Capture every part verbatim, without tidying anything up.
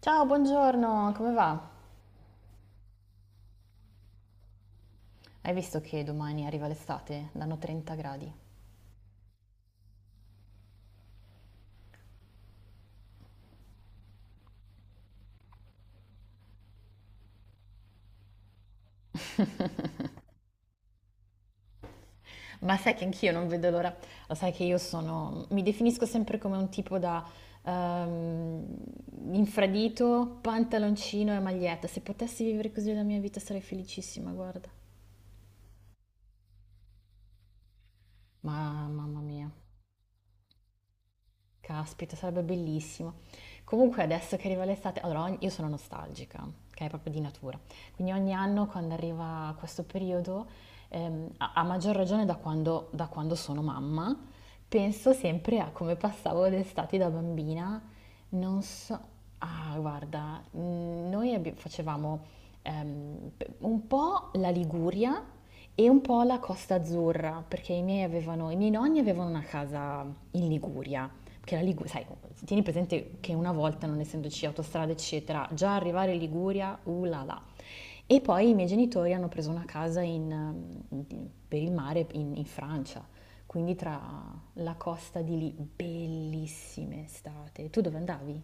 Ciao, buongiorno, come va? Hai visto che domani arriva l'estate? Danno trenta gradi. Ma sai che anch'io non vedo l'ora. Lo sai che io sono, mi definisco sempre come un tipo da ehm, infradito, pantaloncino e maglietta. Se potessi vivere così la mia vita sarei felicissima, guarda. Ma mamma mia, caspita, sarebbe bellissimo. Comunque adesso che arriva l'estate, allora ogni- io sono nostalgica, che è proprio di natura. Quindi ogni anno quando arriva questo periodo, ehm, a, a maggior ragione da quando, da quando sono mamma, penso sempre a come passavo l'estate da bambina. Non so, ah, guarda, mm, noi abbi- facevamo ehm, p- un po' la Liguria e un po' la Costa Azzurra, perché i miei avevano, i miei nonni avevano una casa in Liguria. Perché la Liguria, sai, tieni presente che una volta, non essendoci autostrade, eccetera, già arrivare in Liguria, uh là là. E poi i miei genitori hanno preso una casa in- mm, in- per il mare in, in Francia, quindi tra la costa di lì, bellissime estate. Tu dove andavi?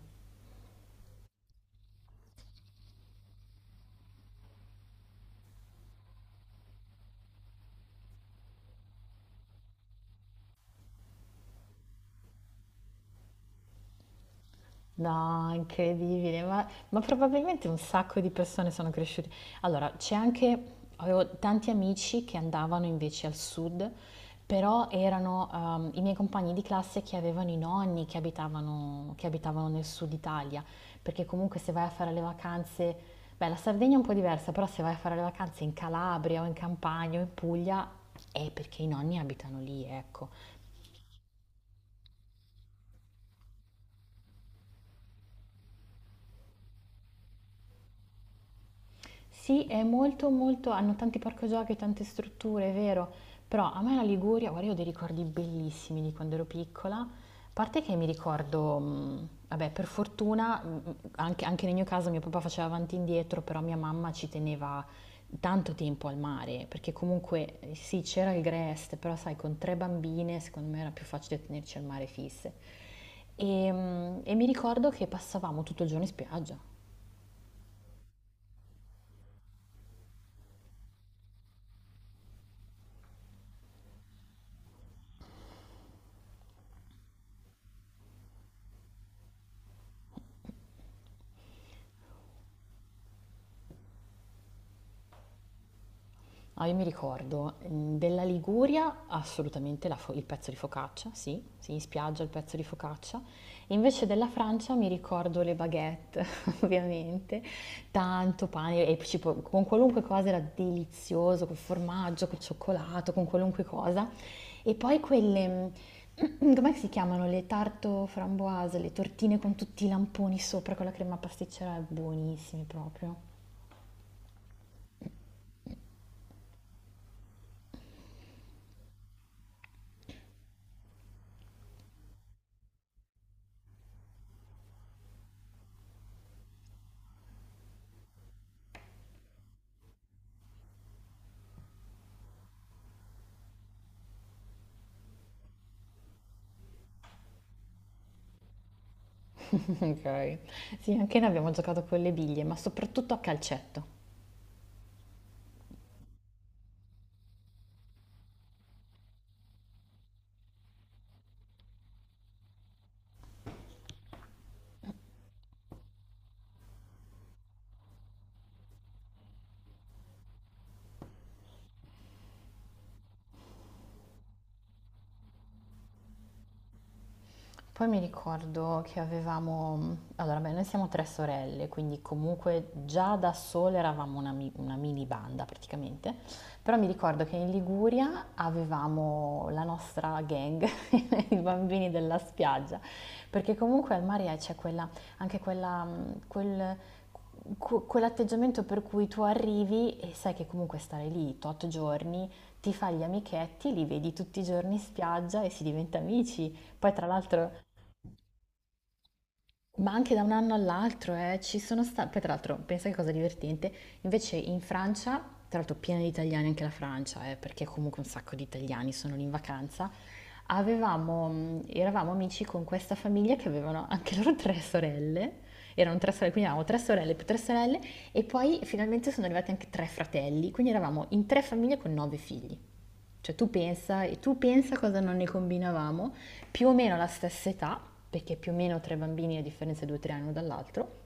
No, incredibile, ma, ma probabilmente un sacco di persone sono cresciute. Allora, c'è anche, avevo tanti amici che andavano invece al sud, però erano ehm, i miei compagni di classe che avevano i nonni che abitavano, che abitavano nel sud Italia, perché comunque se vai a fare le vacanze, beh, la Sardegna è un po' diversa, però se vai a fare le vacanze in Calabria o in Campania o in Puglia è perché i nonni abitano lì, ecco. Sì, è molto molto hanno tanti parco giochi, tante strutture, è vero, però a me la Liguria, guarda, io ho dei ricordi bellissimi di quando ero piccola. A parte che mi ricordo, mh, vabbè, per fortuna, mh, anche, anche nel mio caso mio papà faceva avanti e indietro, però mia mamma ci teneva tanto tempo al mare, perché comunque eh, sì, c'era il Grest, però sai, con tre bambine secondo me era più facile tenerci al mare fisse. E, mh, e mi ricordo che passavamo tutto il giorno in spiaggia. Ah, io mi ricordo, mm, della Liguria assolutamente la fo- il pezzo di focaccia, sì, sì, in spiaggia il pezzo di focaccia. Invece della Francia mi ricordo le baguette, ovviamente, tanto pane e ci po- con qualunque cosa era delizioso, col formaggio, col cioccolato, con qualunque cosa. E poi quelle, mm, com'è che si chiamano? Le tarte framboise, le tortine con tutti i lamponi sopra con la crema pasticcera, buonissime proprio. Ok. Sì, anche noi abbiamo giocato con le biglie, ma soprattutto a calcetto. Poi mi ricordo che avevamo, mm, allora beh, noi siamo tre sorelle, quindi comunque già da sole eravamo una, mi- una mini banda praticamente, però mi ricordo che in Liguria avevamo la nostra gang, i bambini della spiaggia, perché comunque al mare c'è quella, anche quella, mh, quel, que- quell'atteggiamento per cui tu arrivi e sai che comunque stare lì tot giorni, ti fai gli amichetti, li vedi tutti i giorni in spiaggia e si diventa amici. Poi tra l'altro ma anche da un anno all'altro, eh, ci sono stati. Poi, tra l'altro, pensa che cosa divertente. Invece in Francia, tra l'altro, piena di italiani anche la Francia, eh, perché comunque un sacco di italiani sono lì in vacanza. Avevamo, mm, eravamo amici con questa famiglia che avevano anche loro tre sorelle. Erano tre sorelle, quindi avevamo tre sorelle più tre sorelle, e poi finalmente sono arrivati anche tre fratelli. Quindi eravamo in tre famiglie con nove figli. Cioè tu pensa, e tu pensa cosa non ne combinavamo, più o meno alla stessa età, perché più o meno tre bambini a differenza di due o tre anni uno dall'altro,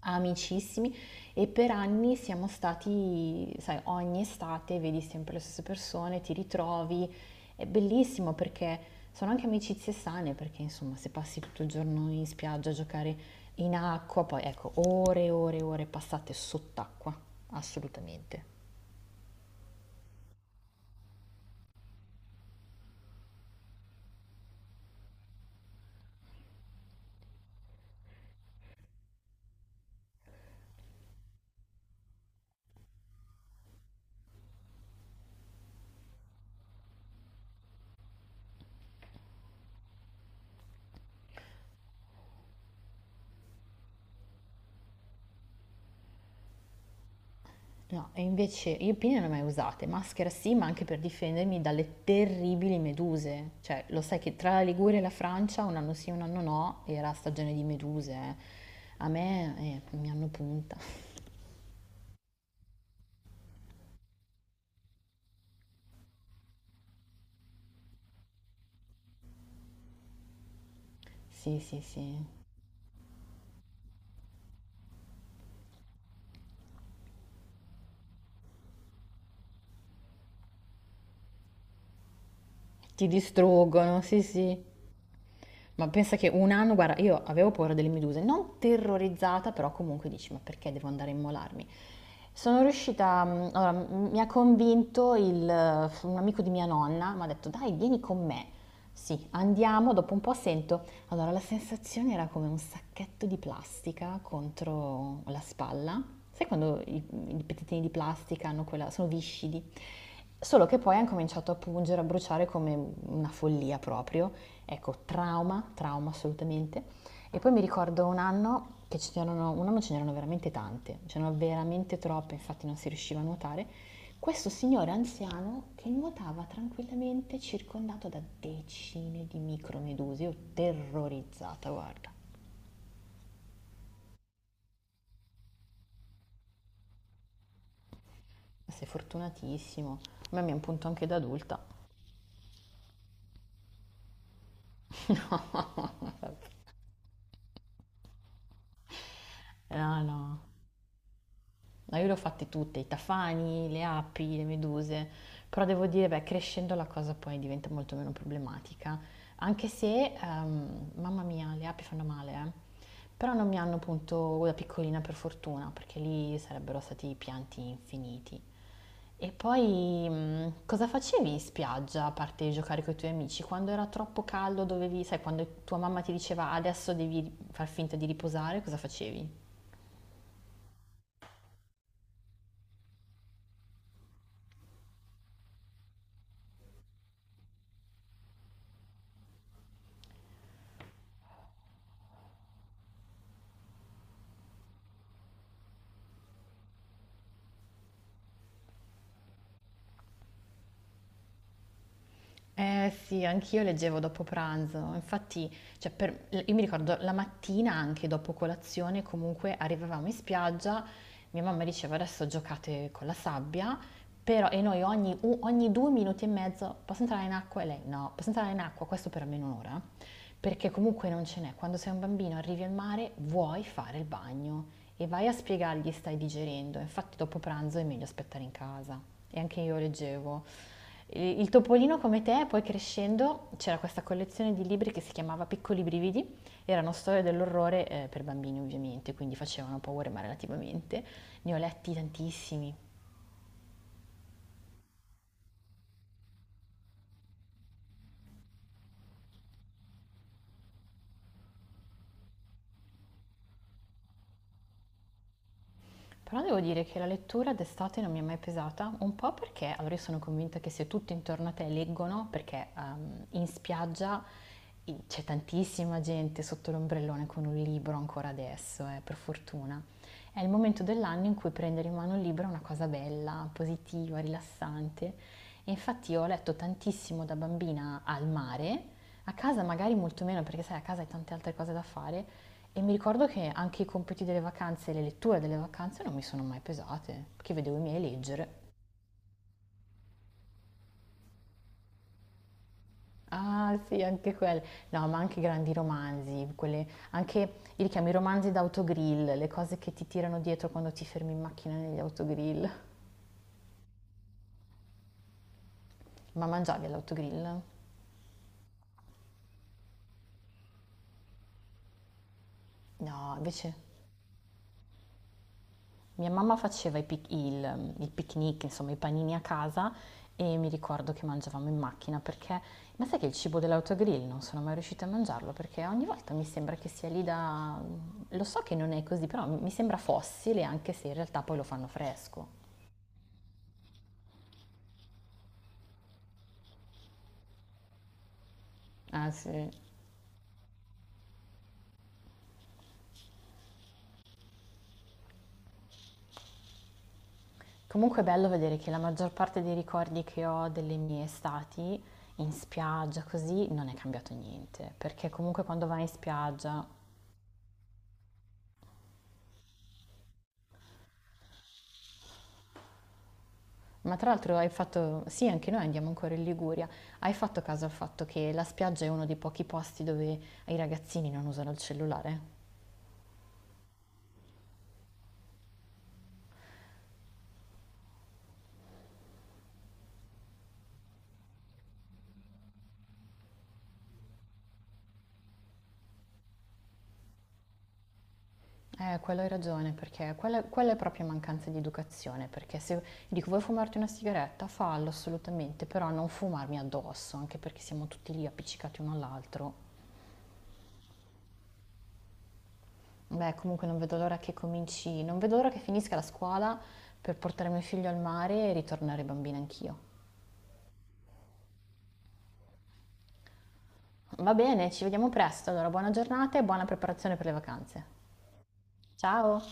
amicissimi, e per anni siamo stati, sai, ogni estate vedi sempre le stesse persone, ti ritrovi, è bellissimo perché sono anche amicizie sane, perché insomma se passi tutto il giorno in spiaggia a giocare in acqua, poi ecco, ore e ore e ore passate sott'acqua, assolutamente. No, e invece io pinne non le ho mai usate, maschera sì, ma anche per difendermi dalle terribili meduse. Cioè, lo sai che tra la Liguria e la Francia, un anno sì, un anno no, era stagione di meduse. Eh. A me eh, mi hanno punta. Sì, sì, sì. Ti distruggono, sì, sì. Ma pensa che un anno, guarda, io avevo paura delle meduse, non terrorizzata, però comunque dici, ma perché devo andare a immolarmi? Sono riuscita, mm, allora, m- mi ha convinto il, eh, un amico di mia nonna, mi ha detto, dai, vieni con me. Sì, andiamo, dopo un po' sento. Allora, la sensazione era come un sacchetto di plastica contro la spalla. Sai quando i, i pezzettini di plastica hanno quella, sono viscidi? Solo che poi hanno cominciato a pungere, a bruciare come una follia proprio. Ecco, trauma, trauma assolutamente. E poi mi ricordo un anno che ce n'erano, un anno ce n'erano veramente tante, ce n'erano veramente troppe, infatti non si riusciva a nuotare. Questo signore anziano che nuotava tranquillamente circondato da decine di micromedusi, io terrorizzata, guarda. Sei fortunatissimo. A me mi ha un punto anche da adulta. No, no. Ma io le ho fatte tutte, i tafani, le api, le meduse, però devo dire, beh, crescendo la cosa poi diventa molto meno problematica, anche se, ehm, mamma mia, le api fanno male, eh. Però non mi hanno punto da piccolina per fortuna, perché lì sarebbero stati pianti infiniti. E poi mm, cosa facevi in spiaggia a parte giocare con i tuoi amici? Quando era troppo caldo dovevi, sai, quando tua mamma ti diceva adesso devi far finta di riposare, cosa facevi? Eh sì, anch'io leggevo dopo pranzo, infatti, cioè, per- io mi ricordo la mattina anche dopo colazione, comunque arrivavamo in spiaggia, mia mamma diceva adesso giocate con la sabbia, però e noi ogni, u- ogni due minuti e mezzo posso entrare in acqua e lei no, posso entrare in acqua, questo per almeno un'ora, perché comunque non ce n'è, quando sei un bambino arrivi al mare vuoi fare il bagno e vai a spiegargli stai digerendo, infatti dopo pranzo è meglio aspettare in casa e anche io leggevo. Il il Topolino come te, poi crescendo c'era questa collezione di libri che si chiamava Piccoli brividi, erano storie dell'orrore eh, per bambini ovviamente, quindi facevano paura ma relativamente, ne ho letti tantissimi. Però devo dire che la lettura d'estate non mi è mai pesata, un po' perché, allora io sono convinta che se tutti intorno a te leggono, perché ehm, in spiaggia i- c'è tantissima gente sotto l'ombrellone con un libro ancora adesso, eh, per fortuna. È il momento dell'anno in cui prendere in mano un libro è una cosa bella, positiva, rilassante. E infatti io ho letto tantissimo da bambina al mare, a casa magari molto meno perché sai, a casa hai tante altre cose da fare, e mi ricordo che anche i compiti delle vacanze e le letture delle vacanze non mi sono mai pesate, perché vedevo i miei leggere. Ah sì, anche quelle. No, ma anche grandi romanzi, quelle, anche io li chiamo i romanzi d'autogrill, le cose che ti tirano dietro quando ti fermi in macchina negli autogrill. Ma mangiavi all'autogrill? No, invece mia mamma faceva i pic- il, il picnic, insomma i panini a casa e mi ricordo che mangiavamo in macchina perché, ma sai che il cibo dell'autogrill non sono mai riuscita a mangiarlo perché ogni volta mi sembra che sia lì da… Lo so che non è così, però mi sembra fossile anche se in realtà poi lo fanno fresco. Ah sì. Comunque è bello vedere che la maggior parte dei ricordi che ho delle mie estati in spiaggia così non è cambiato niente, perché comunque quando vai in spiaggia ma tra l'altro hai fatto, sì, anche noi andiamo ancora in Liguria, hai fatto caso al fatto che la spiaggia è uno dei pochi posti dove i ragazzini non usano il cellulare? Eh, quello hai ragione, perché quella, quella è proprio mancanza di educazione, perché se dico vuoi fumarti una sigaretta, fallo assolutamente, però non fumarmi addosso, anche perché siamo tutti lì appiccicati uno all'altro. Beh, comunque non vedo l'ora che cominci, non vedo l'ora che finisca la scuola per portare mio figlio al mare e ritornare bambina anch'io. Va bene, ci vediamo presto. Allora, buona giornata e buona preparazione per le vacanze. Ciao!